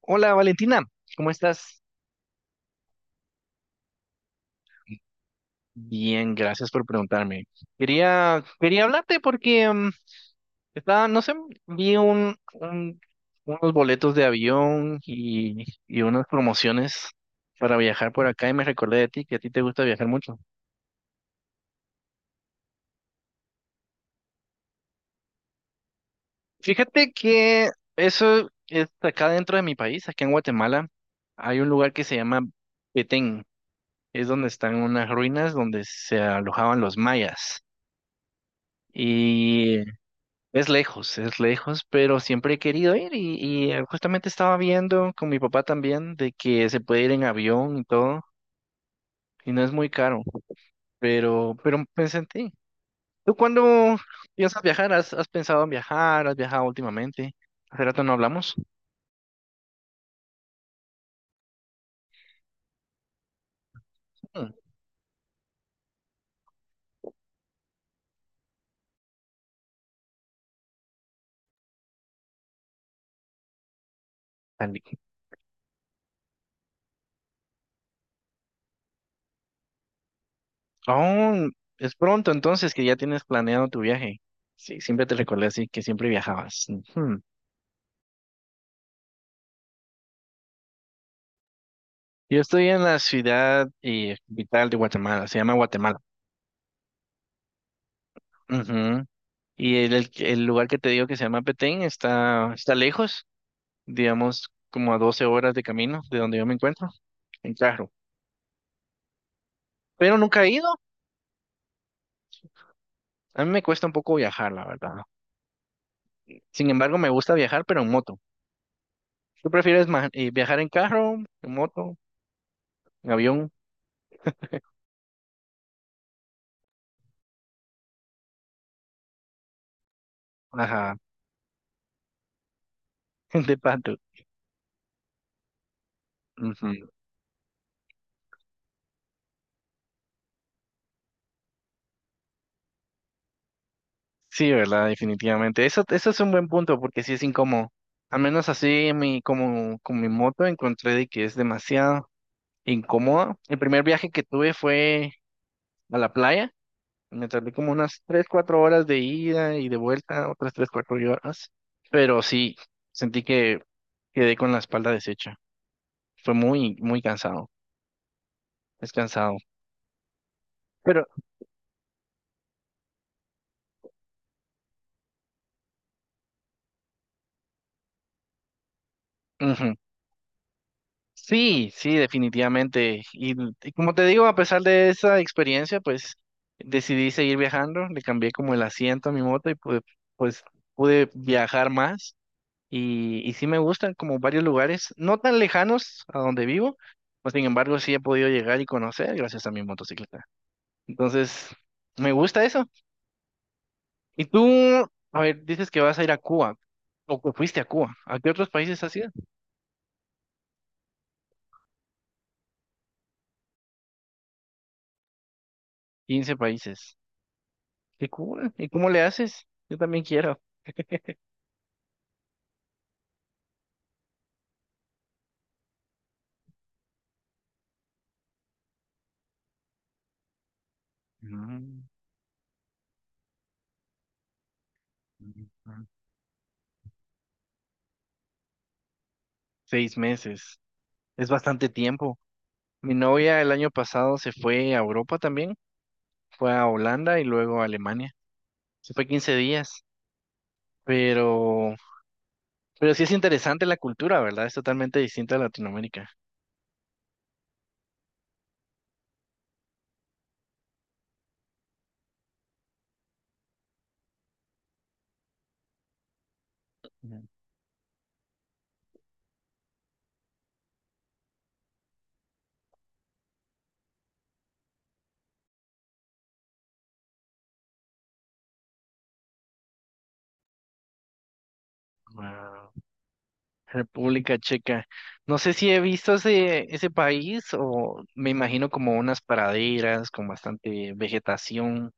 Hola Valentina, ¿cómo estás? Bien, gracias por preguntarme. Quería hablarte porque estaba, no sé, vi un, un- unos boletos de avión y unas promociones para viajar por acá y me recordé de ti, que a ti te gusta viajar mucho. Fíjate que eso es acá dentro de mi país, acá en Guatemala, hay un lugar que se llama Petén, es donde están unas ruinas donde se alojaban los mayas. Y es lejos, es lejos, pero siempre he querido ir y justamente estaba viendo con mi papá también de que se puede ir en avión y todo, y no es muy caro, pero pensé en ti. ¿Tú cuándo piensas viajar? ¿Has pensado en viajar? ¿Has viajado últimamente? Hace rato no hablamos. Mm. Andy. Oh, es pronto entonces que ya tienes planeado tu viaje. Sí, siempre te recordé, así que siempre viajabas. Ujú. Yo estoy en la ciudad, capital de Guatemala, se llama Guatemala. Ujú. Y el lugar que te digo que se llama Petén está, está lejos, digamos como a 12 horas de camino de donde yo me encuentro, en carro. Pero nunca he ido. A mí me cuesta un poco viajar, la verdad. Sin embargo, me gusta viajar, pero en moto. ¿Tú prefieres viajar en carro, en moto, en avión? Ajá, de pato. Ujú. Sí, ¿verdad? Definitivamente. Eso es un buen punto porque sí es incómodo. Al menos así mi, como con mi moto encontré de que es demasiado incómoda. El primer viaje que tuve fue a la playa. Me tardé como unas 3 4 horas de ida y de vuelta, otras 3 4 horas. Pero sí, sentí que quedé con la espalda deshecha. Fue muy, muy cansado. Es cansado. Pero ujú, sí, sí, definitivamente. Y como te digo, a pesar de esa experiencia, pues decidí seguir viajando. Le cambié como el asiento a mi moto y pude, pues pude viajar más. Y sí me gustan como varios lugares, no tan lejanos a donde vivo, pues sin embargo sí he podido llegar y conocer gracias a mi motocicleta. Entonces, me gusta eso. Y tú, a ver, dices que vas a ir a Cuba, o que fuiste a Cuba. ¿A qué otros países has ido? 15 países. ¿Qué cool? ¿Y cómo le haces? Yo también quiero. Mm, mm, mm. 6 meses. Es bastante tiempo. Mi novia el año pasado se fue a Europa también, fue a Holanda y luego a Alemania. Se fue 15 días. Pero, pero sí es interesante la cultura, ¿verdad? Es totalmente distinta a Latinoamérica. Ujú. Wow. República Checa. No sé si he visto ese, ese país, o me imagino como unas praderas con bastante vegetación,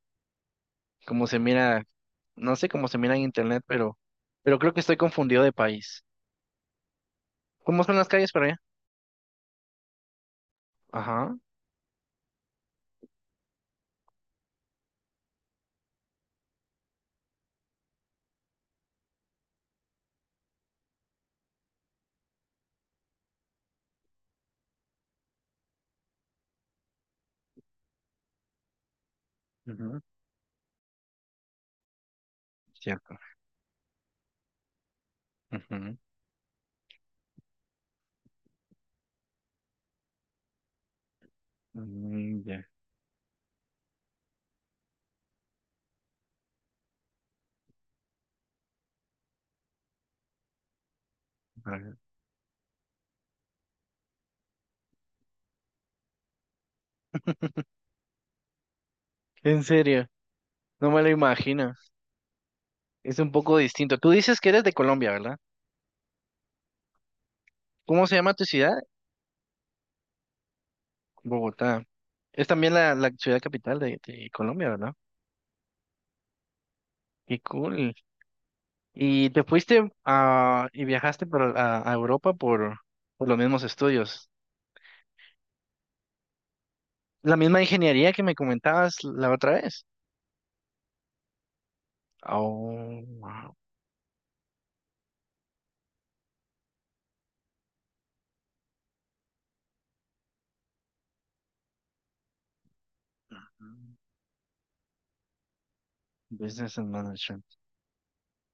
como se mira, no sé cómo se mira en internet, pero creo que estoy confundido de país. ¿Cómo son las calles para allá? Ajá, ujú, cierto. Ujú, mm, ya, ajá. En serio, no me lo imagino. Es un poco distinto. Tú dices que eres de Colombia, ¿verdad? ¿Cómo se llama tu ciudad? Bogotá. Es también la ciudad capital de Colombia, ¿verdad? Qué cool. Y te fuiste a, y viajaste a Europa por los mismos estudios. La misma ingeniería que me comentabas la otra vez. Oh, wow. Business and Management.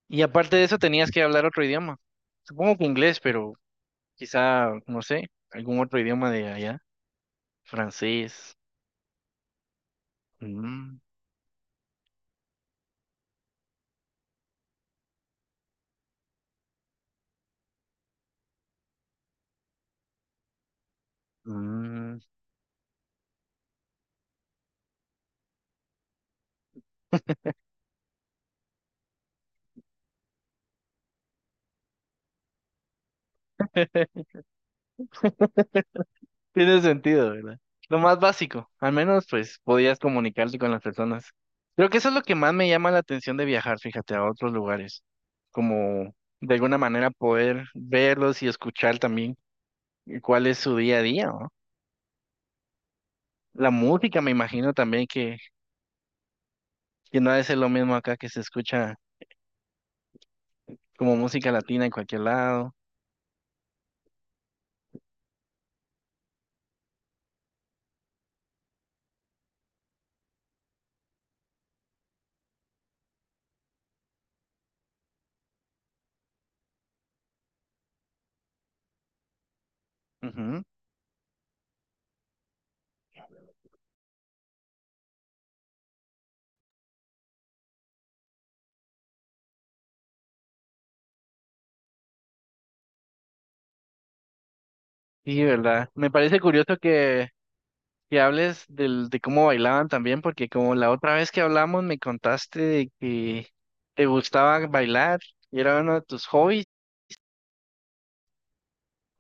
Y aparte de eso, tenías que hablar otro idioma. Supongo que inglés, pero quizá, no sé, algún otro idioma de allá. Francés. Mm, mm. Tiene sentido, ¿verdad? Lo más básico, al menos pues podías comunicarte con las personas. Creo que eso es lo que más me llama la atención de viajar, fíjate, a otros lugares, como de alguna manera poder verlos y escuchar también cuál es su día a día, ¿no? La música, me imagino también que no ha de ser lo mismo acá, que se escucha como música latina en cualquier lado. Ujú. Sí, ¿verdad? Me parece curioso que hables del, de cómo bailaban también, porque como la otra vez que hablamos me contaste de que te gustaba bailar y era uno de tus hobbies,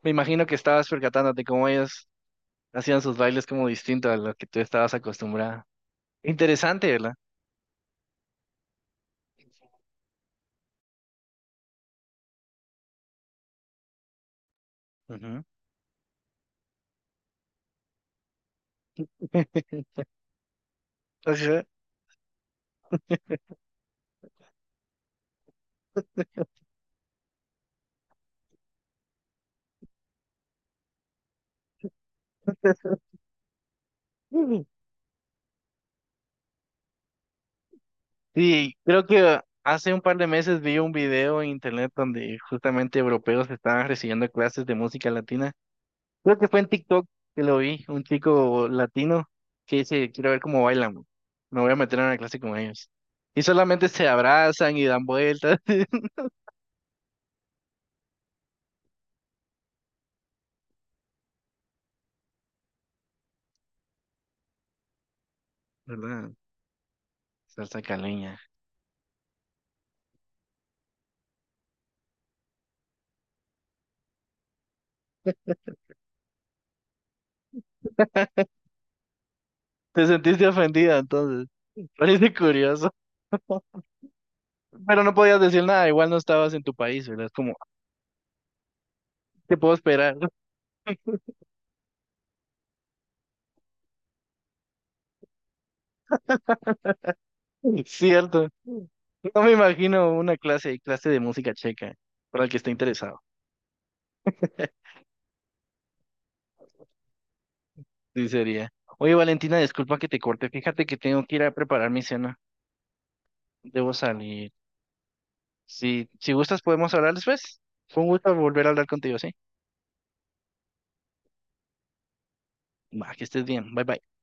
me imagino que estabas percatándote cómo ellos hacían sus bailes como distintos a los que tú estabas acostumbrada. Interesante, ¿verdad? Ujú. Ajá. Sí, creo que hace un par de meses vi un video en internet donde justamente europeos estaban recibiendo clases de música latina. Creo que fue en TikTok que lo vi, un chico latino que dice, quiero ver cómo bailan, bro. Me voy a meter en una clase con ellos. Y solamente se abrazan y dan vueltas. ¿Verdad? Salsa caleña. Te sentiste ofendida entonces. Parece curioso. Pero no podías decir nada, igual no estabas en tu país, ¿verdad? Es como, qué puedo esperar. Cierto. No me imagino una clase, clase de música checa, para el que esté interesado. Sí sería. Oye, Valentina, disculpa que te corte. Fíjate que tengo que ir a preparar mi cena. Debo salir. Si, si gustas, podemos hablar después. Fue un gusto volver a hablar contigo, ¿sí? Va, que estés bien. Bye bye.